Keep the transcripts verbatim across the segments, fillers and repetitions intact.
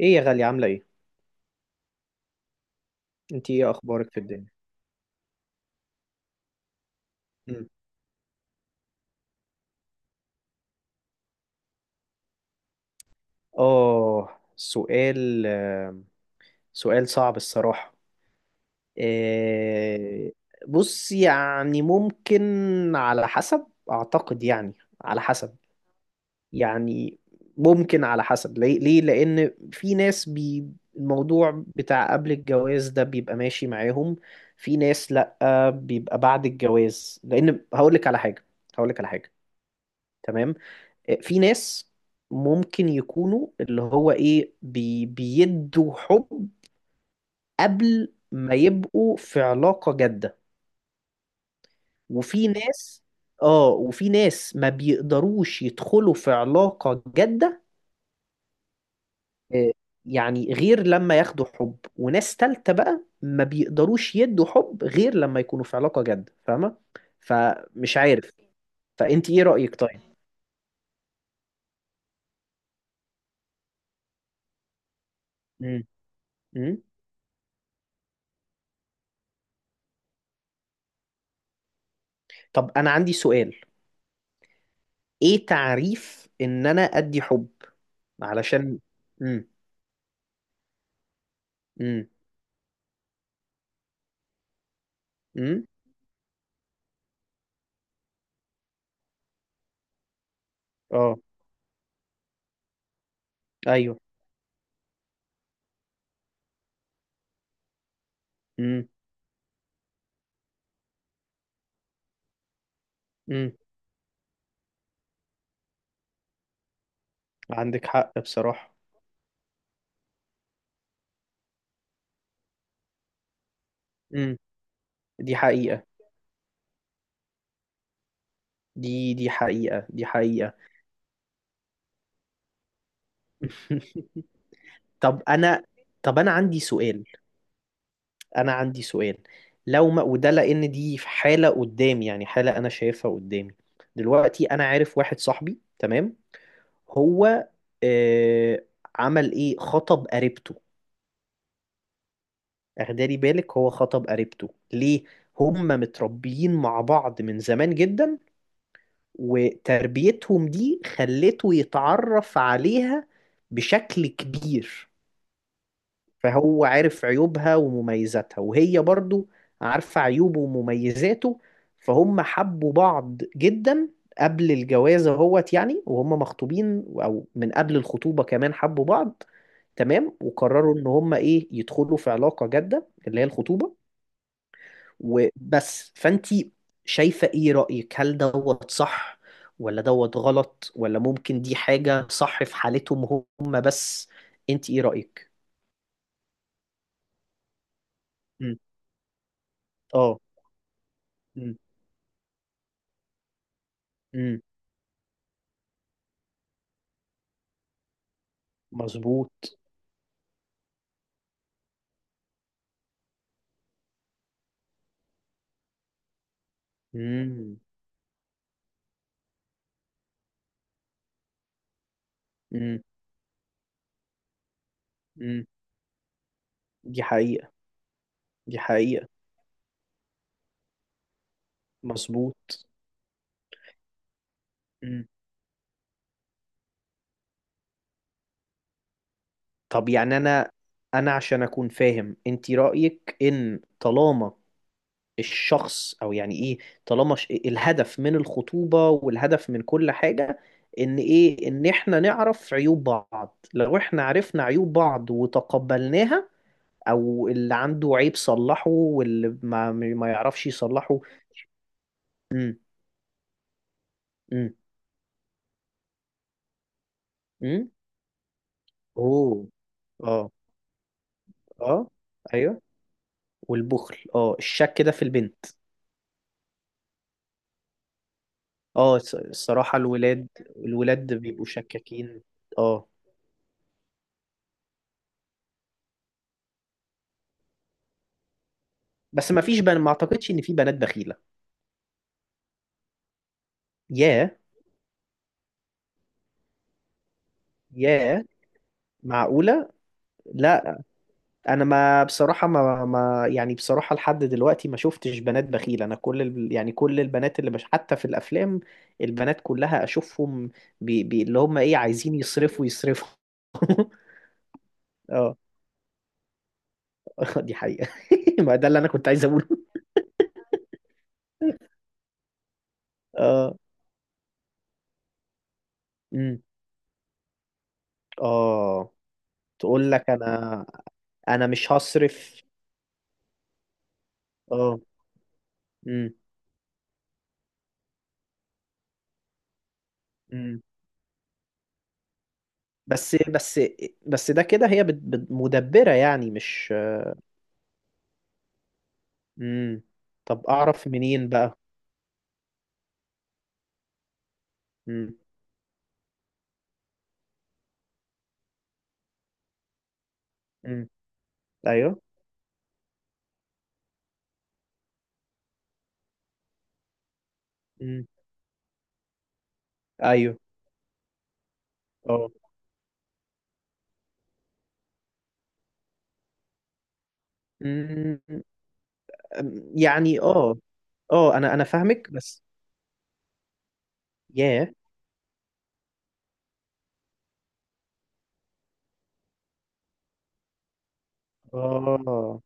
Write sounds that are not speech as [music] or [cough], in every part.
ايه يا غالية، عاملة ايه؟ انتي ايه اخبارك في الدنيا؟ مم. اه سؤال آه، سؤال صعب الصراحة. آه، بص يعني ممكن على حسب اعتقد، يعني على حسب، يعني ممكن على حسب ليه؟ ليه؟ لان في ناس بي الموضوع بتاع قبل الجواز ده بيبقى ماشي معاهم، في ناس لأ بيبقى بعد الجواز، لان هقولك على حاجة. هقولك على حاجة. تمام. في ناس ممكن يكونوا اللي هو ايه بي بيدوا حب قبل ما يبقوا في علاقة جادة، وفي ناس اه وفي ناس ما بيقدروش يدخلوا في علاقة جادة، آه، يعني غير لما ياخدوا حب، وناس تالتة بقى ما بيقدروش يدوا حب غير لما يكونوا في علاقة جادة، فاهمة؟ فمش عارف. فانت ايه رأيك طيب؟ مم. مم. طب انا عندي سؤال. ايه تعريف ان انا ادي حب؟ علشان امم امم امم اه ايوه. امم امم عندك حق بصراحة. امم دي حقيقة. دي دي حقيقة، دي حقيقة. [laughs] طب انا، طب انا عندي سؤال. انا عندي سؤال. لو ما وده لان دي في حالة قدامي، يعني حالة انا شايفها قدامي دلوقتي. انا عارف واحد صاحبي، تمام؟ هو آه عمل ايه، خطب قريبته. اخدالي بالك، هو خطب قريبته ليه؟ هما متربيين مع بعض من زمان جدا، وتربيتهم دي خلته يتعرف عليها بشكل كبير. فهو عارف عيوبها ومميزاتها، وهي برضو عارفة عيوبه ومميزاته. فهم حبوا بعض جدا قبل الجواز اهوت، يعني وهم مخطوبين او من قبل الخطوبة كمان حبوا بعض. تمام، وقرروا ان هم ايه، يدخلوا في علاقة جادة اللي هي الخطوبة. وبس. فانتي شايفة ايه رأيك؟ هل دوت صح ولا دوت غلط، ولا ممكن دي حاجة صح في حالتهم هم بس؟ انت ايه رأيك؟ مم. اه. مم. مم. مظبوط. مم. مم. مم. دي حقيقة. دي حقيقة. مظبوط. مم. طب يعني انا، انا عشان اكون فاهم انت رأيك ان طالما الشخص او يعني ايه، طالما ش... الهدف من الخطوبة والهدف من كل حاجة ان ايه، ان احنا نعرف عيوب بعض. لو احنا عرفنا عيوب بعض وتقبلناها، او اللي عنده عيب صلحه، واللي ما ما يعرفش يصلحه. امم امم امم اوه. اه. اه. ايوه. والبخل؟ اه، الشك ده في البنت؟ اه الص- الصراحة الولاد، الولاد بيبقوا شكاكين. اه، بس ما فيش بنات، ما اعتقدش ان في بنات بخيلة. ياه. ياه، معقولة؟ لا، أنا ما بصراحة ما, ما يعني بصراحة لحد دلوقتي ما شفتش بنات بخيلة. أنا كل ال- يعني كل البنات اللي بش حتى في الأفلام، البنات كلها أشوفهم بي بي اللي هم إيه عايزين يصرفوا يصرفوا. [laughs] اه. [laughs] دي حقيقة. [laughs] ما ده اللي أنا كنت عايز أقوله. [laughs] اه. امم اه. تقول لك أنا، أنا مش هصرف. اه. امم امم بس بس، بس ده كده هي بت- بت- مدبرة يعني، مش. امم طب اعرف منين بقى؟ امم امم ايوه. امم ايوه. اه. امم يعني اه. اه انا، انا فاهمك بس. ياه. اه.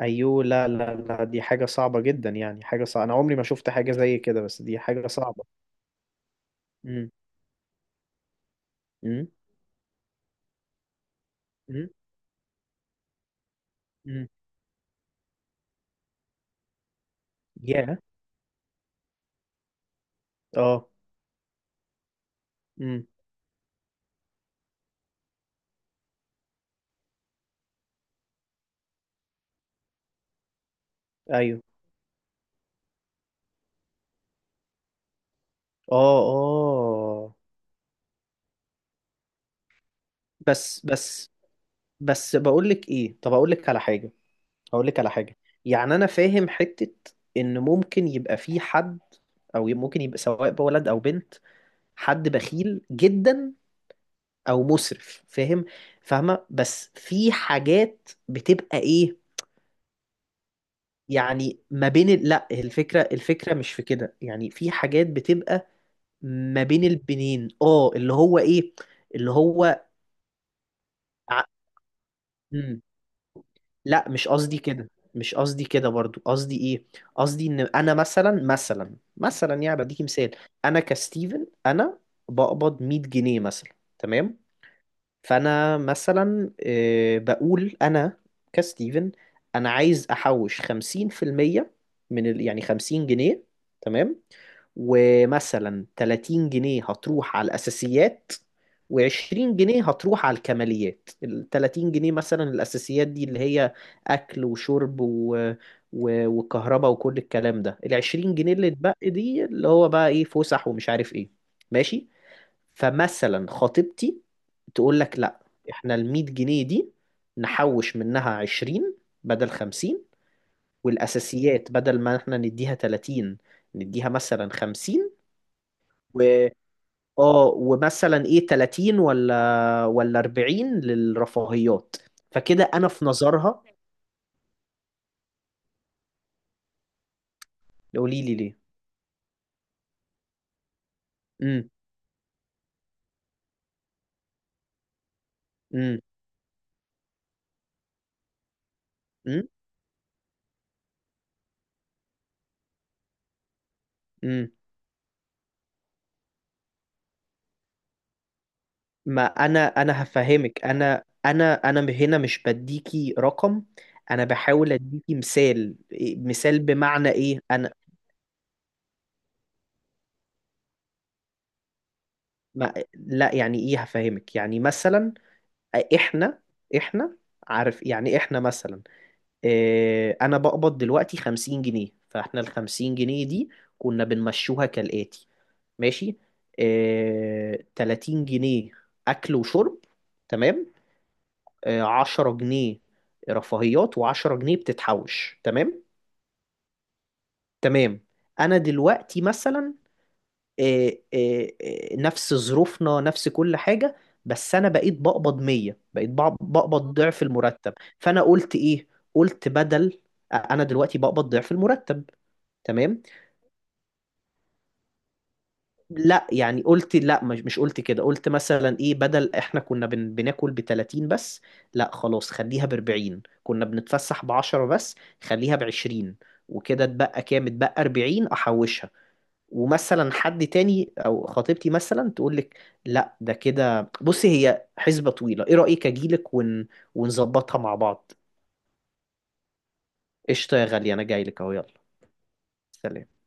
ايوه. لا لا لا، دي حاجة صعبة جدا، يعني حاجة صعبة. انا عمري ما شفت حاجة زي كده، بس دي حاجة صعبة. امم امم امم امم ياه. اه. امم ايوه. اه. اه. بس بس، بس بقول لك ايه، طب اقول لك على حاجة. هقول لك على حاجة. يعني أنا فاهم حتة إن ممكن يبقى في حد، أو ممكن يبقى سواء بقى ولد أو بنت، حد بخيل جدا أو مسرف، فاهم؟ فاهمة؟ بس في حاجات بتبقى إيه، يعني ما بين ال... لا، الفكرة، الفكرة مش في كده، يعني في حاجات بتبقى ما بين البنين اه اللي هو إيه، اللي هو. لا مش قصدي كده، مش قصدي كده برضو. قصدي ايه، قصدي ان انا مثلا، مثلا مثلا، يعني بديكي مثال. انا كستيفن، انا بقبض مية جنيه مثلا. تمام؟ فانا مثلا آه، بقول انا كستيفن، انا عايز احوش خمسين في المية من ال... يعني خمسين جنيه. تمام. ومثلا تلاتين جنيه هتروح على الأساسيات، و20 جنيه هتروح على الكماليات. ال ثلاثين جنيه مثلا الأساسيات دي اللي هي أكل وشرب و... و... وكهرباء وكل الكلام ده. ال عشرين جنيه اللي اتبقى دي اللي هو بقى إيه، فسح ومش عارف إيه. ماشي. فمثلا خطيبتي تقول لك لا، إحنا ال مية جنيه دي نحوش منها عشرين بدل خمسين، والأساسيات بدل ما إحنا نديها ثلاثين نديها مثلا خمسين، و اه ومثلا ايه تلاتين ولا ولا اربعين للرفاهيات. فكده انا في نظرها. قولي لي ليه. امم امم امم امم ما انا، انا هفهمك. انا انا انا هنا مش بديكي رقم، انا بحاول اديكي مثال. إيه- مثال بمعنى ايه. انا، ما لا يعني ايه، هفهمك. يعني مثلا احنا، احنا عارف، يعني احنا مثلا آه، انا بقبض دلوقتي خمسين جنيه. فاحنا ال خمسين جنيه دي كنا بنمشوها كالآتي، ماشي؟ آه، تلاتين جنيه اكل وشرب، تمام؟ آه، عشرة جنيه رفاهيات، و10 جنيه بتتحوش. تمام؟ تمام. انا دلوقتي مثلا آه، آه، آه، نفس ظروفنا، نفس كل حاجة، بس انا بقيت بقبض مية، بقيت بق- بقبض ضعف المرتب. فانا قلت ايه، قلت بدل، انا دلوقتي بقبض ضعف المرتب، تمام؟ لا يعني قلت لا، مش مش قلت كده. قلت مثلا ايه، بدل احنا كنا بن بناكل ب تلاتين بس، لا خلاص خليها ب اربعين. كنا بنتفسح ب عشرة بس، خليها ب عشرين. وكده اتبقى كام؟ اتبقى اربعين احوشها. ومثلا حد تاني او خطيبتي مثلا تقول لك لا ده كده، بصي هي حسبة طويلة. ايه رأيك اجيلك ون... ونظبطها مع بعض؟ قشطة يا غالية، انا جاي لك اهو. يلا. سلام.